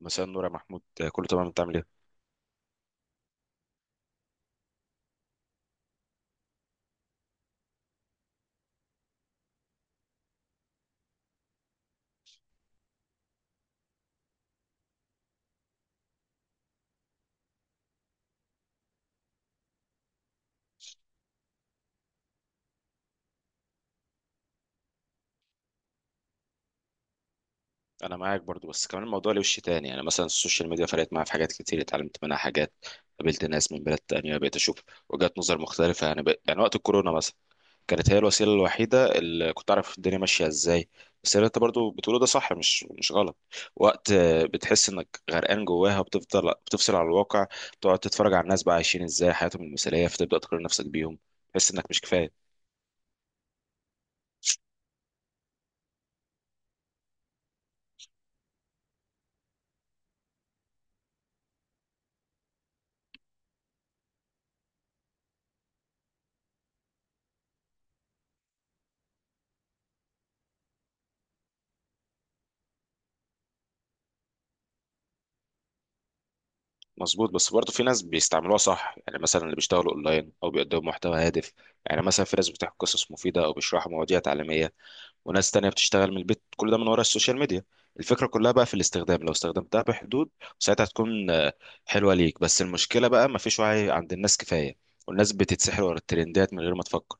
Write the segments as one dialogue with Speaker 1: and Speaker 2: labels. Speaker 1: مساء النور يا محمود، كله تمام. انت عامل ايه؟ انا معاك برضو، بس كمان الموضوع له وش تاني. يعني مثلا السوشيال ميديا فرقت معايا في حاجات كتير، اتعلمت منها حاجات. قابلت ناس من بلاد تانية، بقيت اشوف وجهات نظر مختلفة. يعني يعني وقت الكورونا مثلا كانت هي الوسيلة الوحيدة اللي كنت اعرف الدنيا ماشية ازاي. بس اللي انت برضو بتقوله ده صح، مش غلط. وقت بتحس انك غرقان جواها، بتفضل بتفصل عن الواقع. تقعد تتفرج على الناس بقى عايشين ازاي حياتهم المثالية، فتبدأ تقارن نفسك بيهم. تحس انك مش كفاية. مظبوط، بس برضه في ناس بيستعملوها صح. يعني مثلا اللي بيشتغلوا اونلاين او بيقدموا محتوى هادف، يعني مثلا في ناس بتحكي قصص مفيده او بيشرحوا مواضيع تعليميه، وناس تانية بتشتغل من البيت، كل ده من ورا السوشيال ميديا. الفكرة كلها بقى في الاستخدام، لو استخدمتها بحدود ساعتها تكون حلوة ليك. بس المشكلة بقى مفيش وعي عند الناس كفاية، والناس بتتسحر ورا الترندات من غير ما تفكر.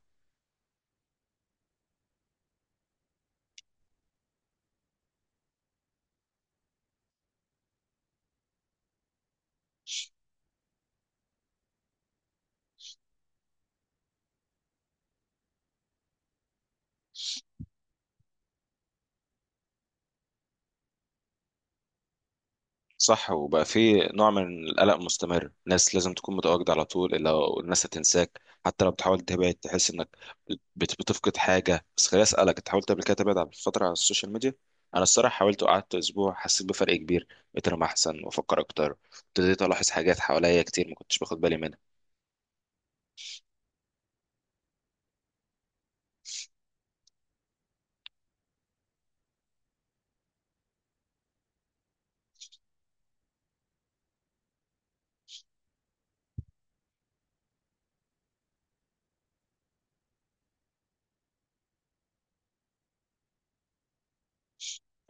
Speaker 1: صح، وبقى في نوع من القلق مستمر، ناس لازم تكون متواجدة على طول، إلا الناس هتنساك. حتى لو بتحاول تبعد تحس إنك بتفقد حاجة. بس خليني أسألك، أنت حاولت قبل كده تبعد على فترة على السوشيال ميديا؟ أنا الصراحة حاولت وقعدت أسبوع، حسيت بفرق كبير. بقيت أنام أحسن وأفكر أكتر، ابتديت ألاحظ حاجات حواليا كتير ما كنتش باخد بالي منها.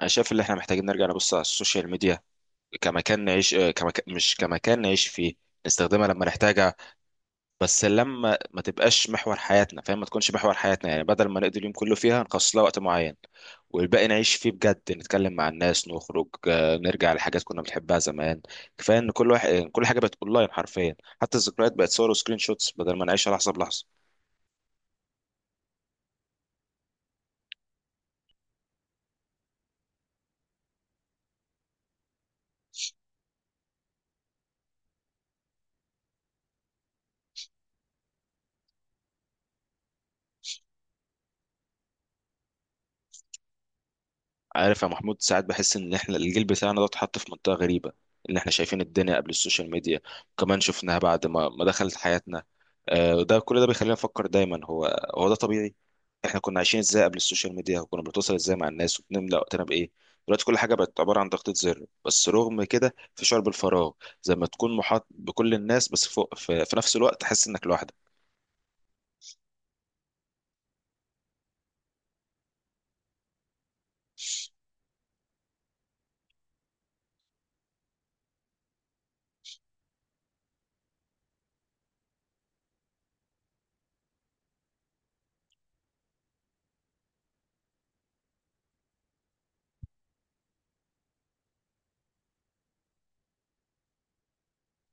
Speaker 1: أنا شايف إن إحنا محتاجين نرجع نبص على السوشيال ميديا كمكان نعيش، كمكان، مش كمكان نعيش فيه. نستخدمها لما نحتاج، بس لما ما تبقاش محور حياتنا، فاهم؟ ما تكونش محور حياتنا. يعني بدل ما نقضي اليوم كله فيها، نخصص لها وقت معين والباقي نعيش فيه بجد. نتكلم مع الناس، نخرج، نرجع لحاجات كنا بنحبها زمان. كفايه ان كل واحد كل حاجه بقت اونلاين حرفيا، حتى الذكريات بقت صور وسكرين شوتس بدل ما نعيشها لحظه بلحظه. عارف يا محمود، ساعات بحس ان احنا الجيل بتاعنا ده اتحط في منطقه غريبه، ان احنا شايفين الدنيا قبل السوشيال ميديا، وكمان شفناها بعد ما دخلت حياتنا. وده كل ده بيخلينا نفكر دايما، هو ده طبيعي؟ احنا كنا عايشين ازاي قبل السوشيال ميديا؟ وكنا بنتواصل ازاي مع الناس؟ وبنملى وقتنا بايه؟ دلوقتي كل حاجه بقت عباره عن ضغطه زر، بس رغم كده في شعور بالفراغ، زي ما تكون محاط بكل الناس، بس فوق في نفس الوقت تحس انك لوحدك.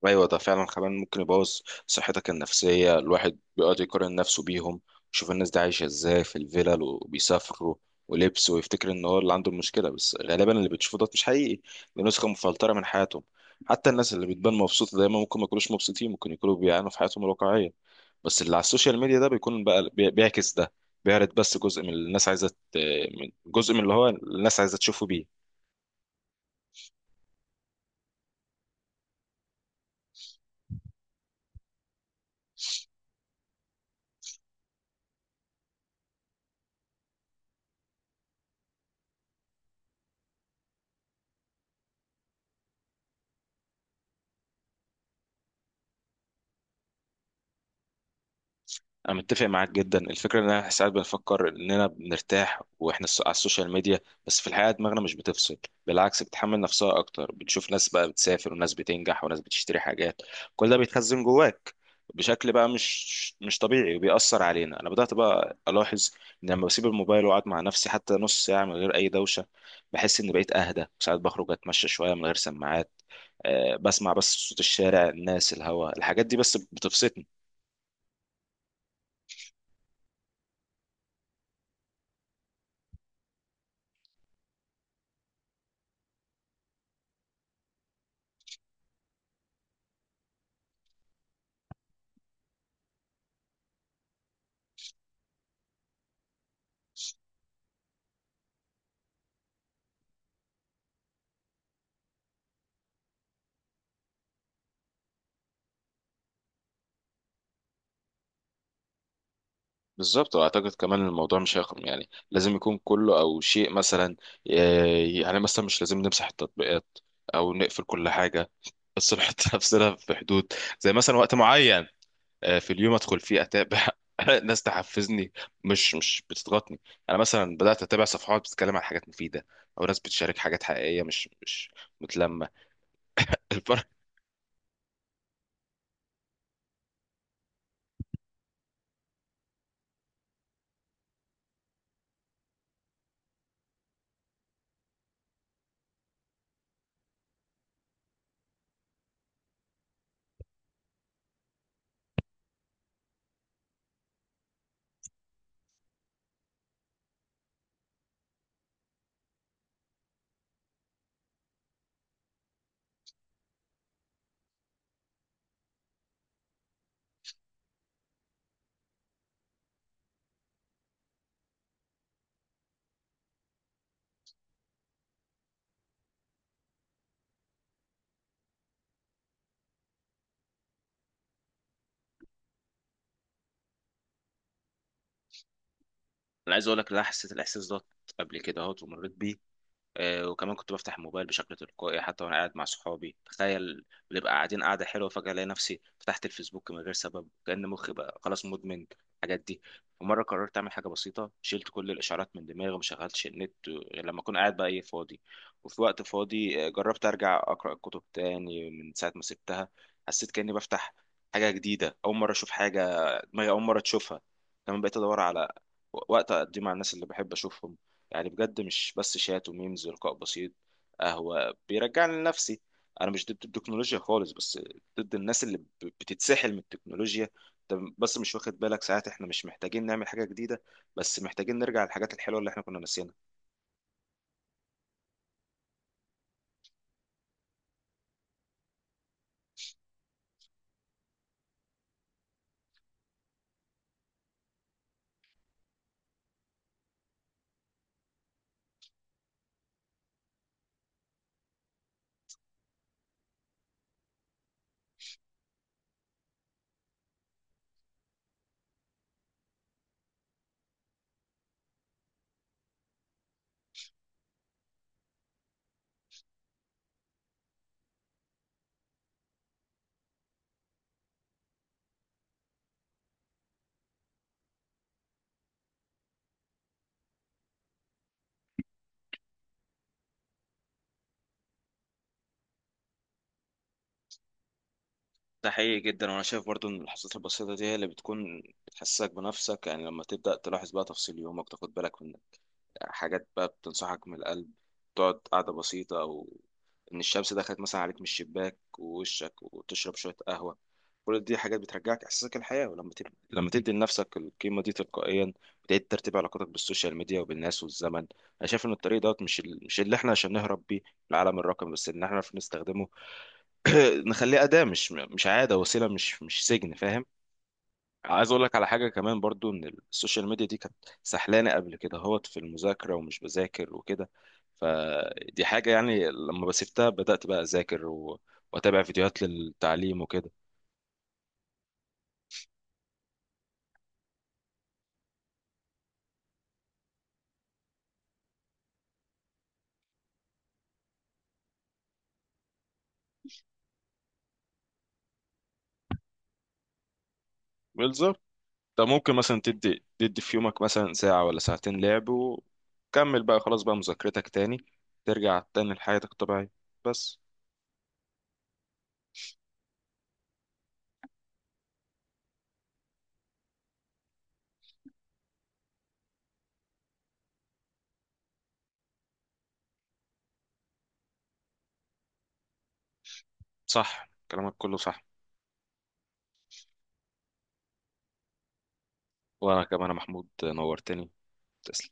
Speaker 1: ايوه، ده فعلا كمان ممكن يبوظ صحتك النفسيه. الواحد بيقعد يقارن نفسه بيهم، يشوف الناس دي عايشه ازاي في الفلل وبيسافروا ولبس، ويفتكر ان هو اللي عنده المشكله. بس غالبا اللي بتشوفه ده مش حقيقي، دي نسخه مفلتره من حياتهم. حتى الناس اللي بتبان مبسوطه دايما ممكن ما يكونوش مبسوطين، ممكن يكونوا بيعانوا في حياتهم الواقعيه، بس اللي على السوشيال ميديا ده بيكون بقى بيعكس ده. بيعرض بس جزء من اللي الناس عايزه جزء من اللي هو الناس عايزه تشوفه بيه. انا متفق معاك جدا. الفكره ان احنا ساعات بنفكر اننا بنرتاح واحنا على السوشيال ميديا، بس في الحقيقه دماغنا مش بتفصل. بالعكس، بتحمل نفسها اكتر. بتشوف ناس بقى بتسافر وناس بتنجح وناس بتشتري حاجات، كل ده بيتخزن جواك بشكل بقى مش طبيعي وبيأثر علينا. انا بدأت بقى الاحظ ان لما بسيب الموبايل واقعد مع نفسي حتى نص ساعه من غير اي دوشه، بحس اني بقيت اهدى. ساعات بخرج اتمشى شويه من غير سماعات، بسمع بس صوت الشارع، الناس، الهواء، الحاجات دي بس بتفصلني. بالظبط، واعتقد كمان الموضوع مش هيخرم، يعني لازم يكون كله او شيء مثلا. يعني مثلا مش لازم نمسح التطبيقات او نقفل كل حاجه، بس نحط نفسنا في حدود. زي مثلا وقت معين في اليوم ادخل فيه اتابع ناس تحفزني، مش بتضغطني. انا مثلا بدات اتابع صفحات بتتكلم عن حاجات مفيده، او ناس بتشارك حاجات حقيقيه مش متلمه. الفرق. انا عايز اقول لك إن انا حسيت الاحساس ده قبل كده، اهوت ومريت بيه. وكمان كنت بفتح الموبايل بشكل تلقائي حتى وانا قاعد مع صحابي، تخيل! بنبقى قاعدين قاعده حلوه، فجاه الاقي نفسي فتحت الفيسبوك من غير سبب، كأن مخي بقى خلاص مدمن الحاجات دي. ومره قررت اعمل حاجه بسيطه، شلت كل الاشعارات من دماغي وما شغلتش النت غير لما اكون قاعد بقى ايه، فاضي. وفي وقت فاضي جربت ارجع اقرا الكتب تاني من ساعه ما سبتها. حسيت كأني بفتح حاجه جديده، اول مره اشوف حاجه دماغي اول مره تشوفها. كمان بقيت ادور على وقت اقضيه مع الناس اللي بحب اشوفهم، يعني بجد مش بس شات وميمز، ولقاء بسيط، قهوة بيرجعني لنفسي. انا مش ضد التكنولوجيا خالص، بس ضد الناس اللي بتتسحل من التكنولوجيا. انت بس مش واخد بالك، ساعات احنا مش محتاجين نعمل حاجة جديدة، بس محتاجين نرجع للحاجات الحلوة اللي احنا كنا ناسيينها. ده حقيقي جدا. وانا شايف برضو ان اللحظات البسيطة دي هي اللي بتكون بتحسسك بنفسك. يعني لما تبدأ تلاحظ بقى تفاصيل يومك، تاخد بالك من حاجات بقى بتنصحك من القلب. تقعد قعدة بسيطة، أو إن الشمس دخلت مثلا عليك من الشباك ووشك، وتشرب شوية قهوة، كل دي حاجات بترجعك إحساسك الحياة. ولما لما تدي لنفسك القيمة دي تلقائيا بتعيد ترتيب علاقاتك بالسوشيال ميديا وبالناس والزمن. أنا شايف إن الطريق دوت مش اللي إحنا عشان نهرب بيه العالم الرقمي، بس إن إحنا نعرف نستخدمه. نخليه أداة مش عادة، وسيلة مش سجن، فاهم؟ عايز اقول لك على حاجه كمان برضو، ان السوشيال ميديا دي كانت سحلانه قبل كده، هوت في المذاكره ومش بذاكر وكده. فدي حاجه، يعني لما بسيبتها بدات بقى اذاكر واتابع فيديوهات للتعليم وكده. بالظبط. ده ممكن مثلا تدي في يومك مثلا ساعه ولا ساعتين لعب، وكمل بقى خلاص، بقى مذاكرتك تاني. ترجع تاني لحياتك الطبيعيه. بس. صح، كلامك كله صح. وانا كمان يا محمود، نورتني. تسلم.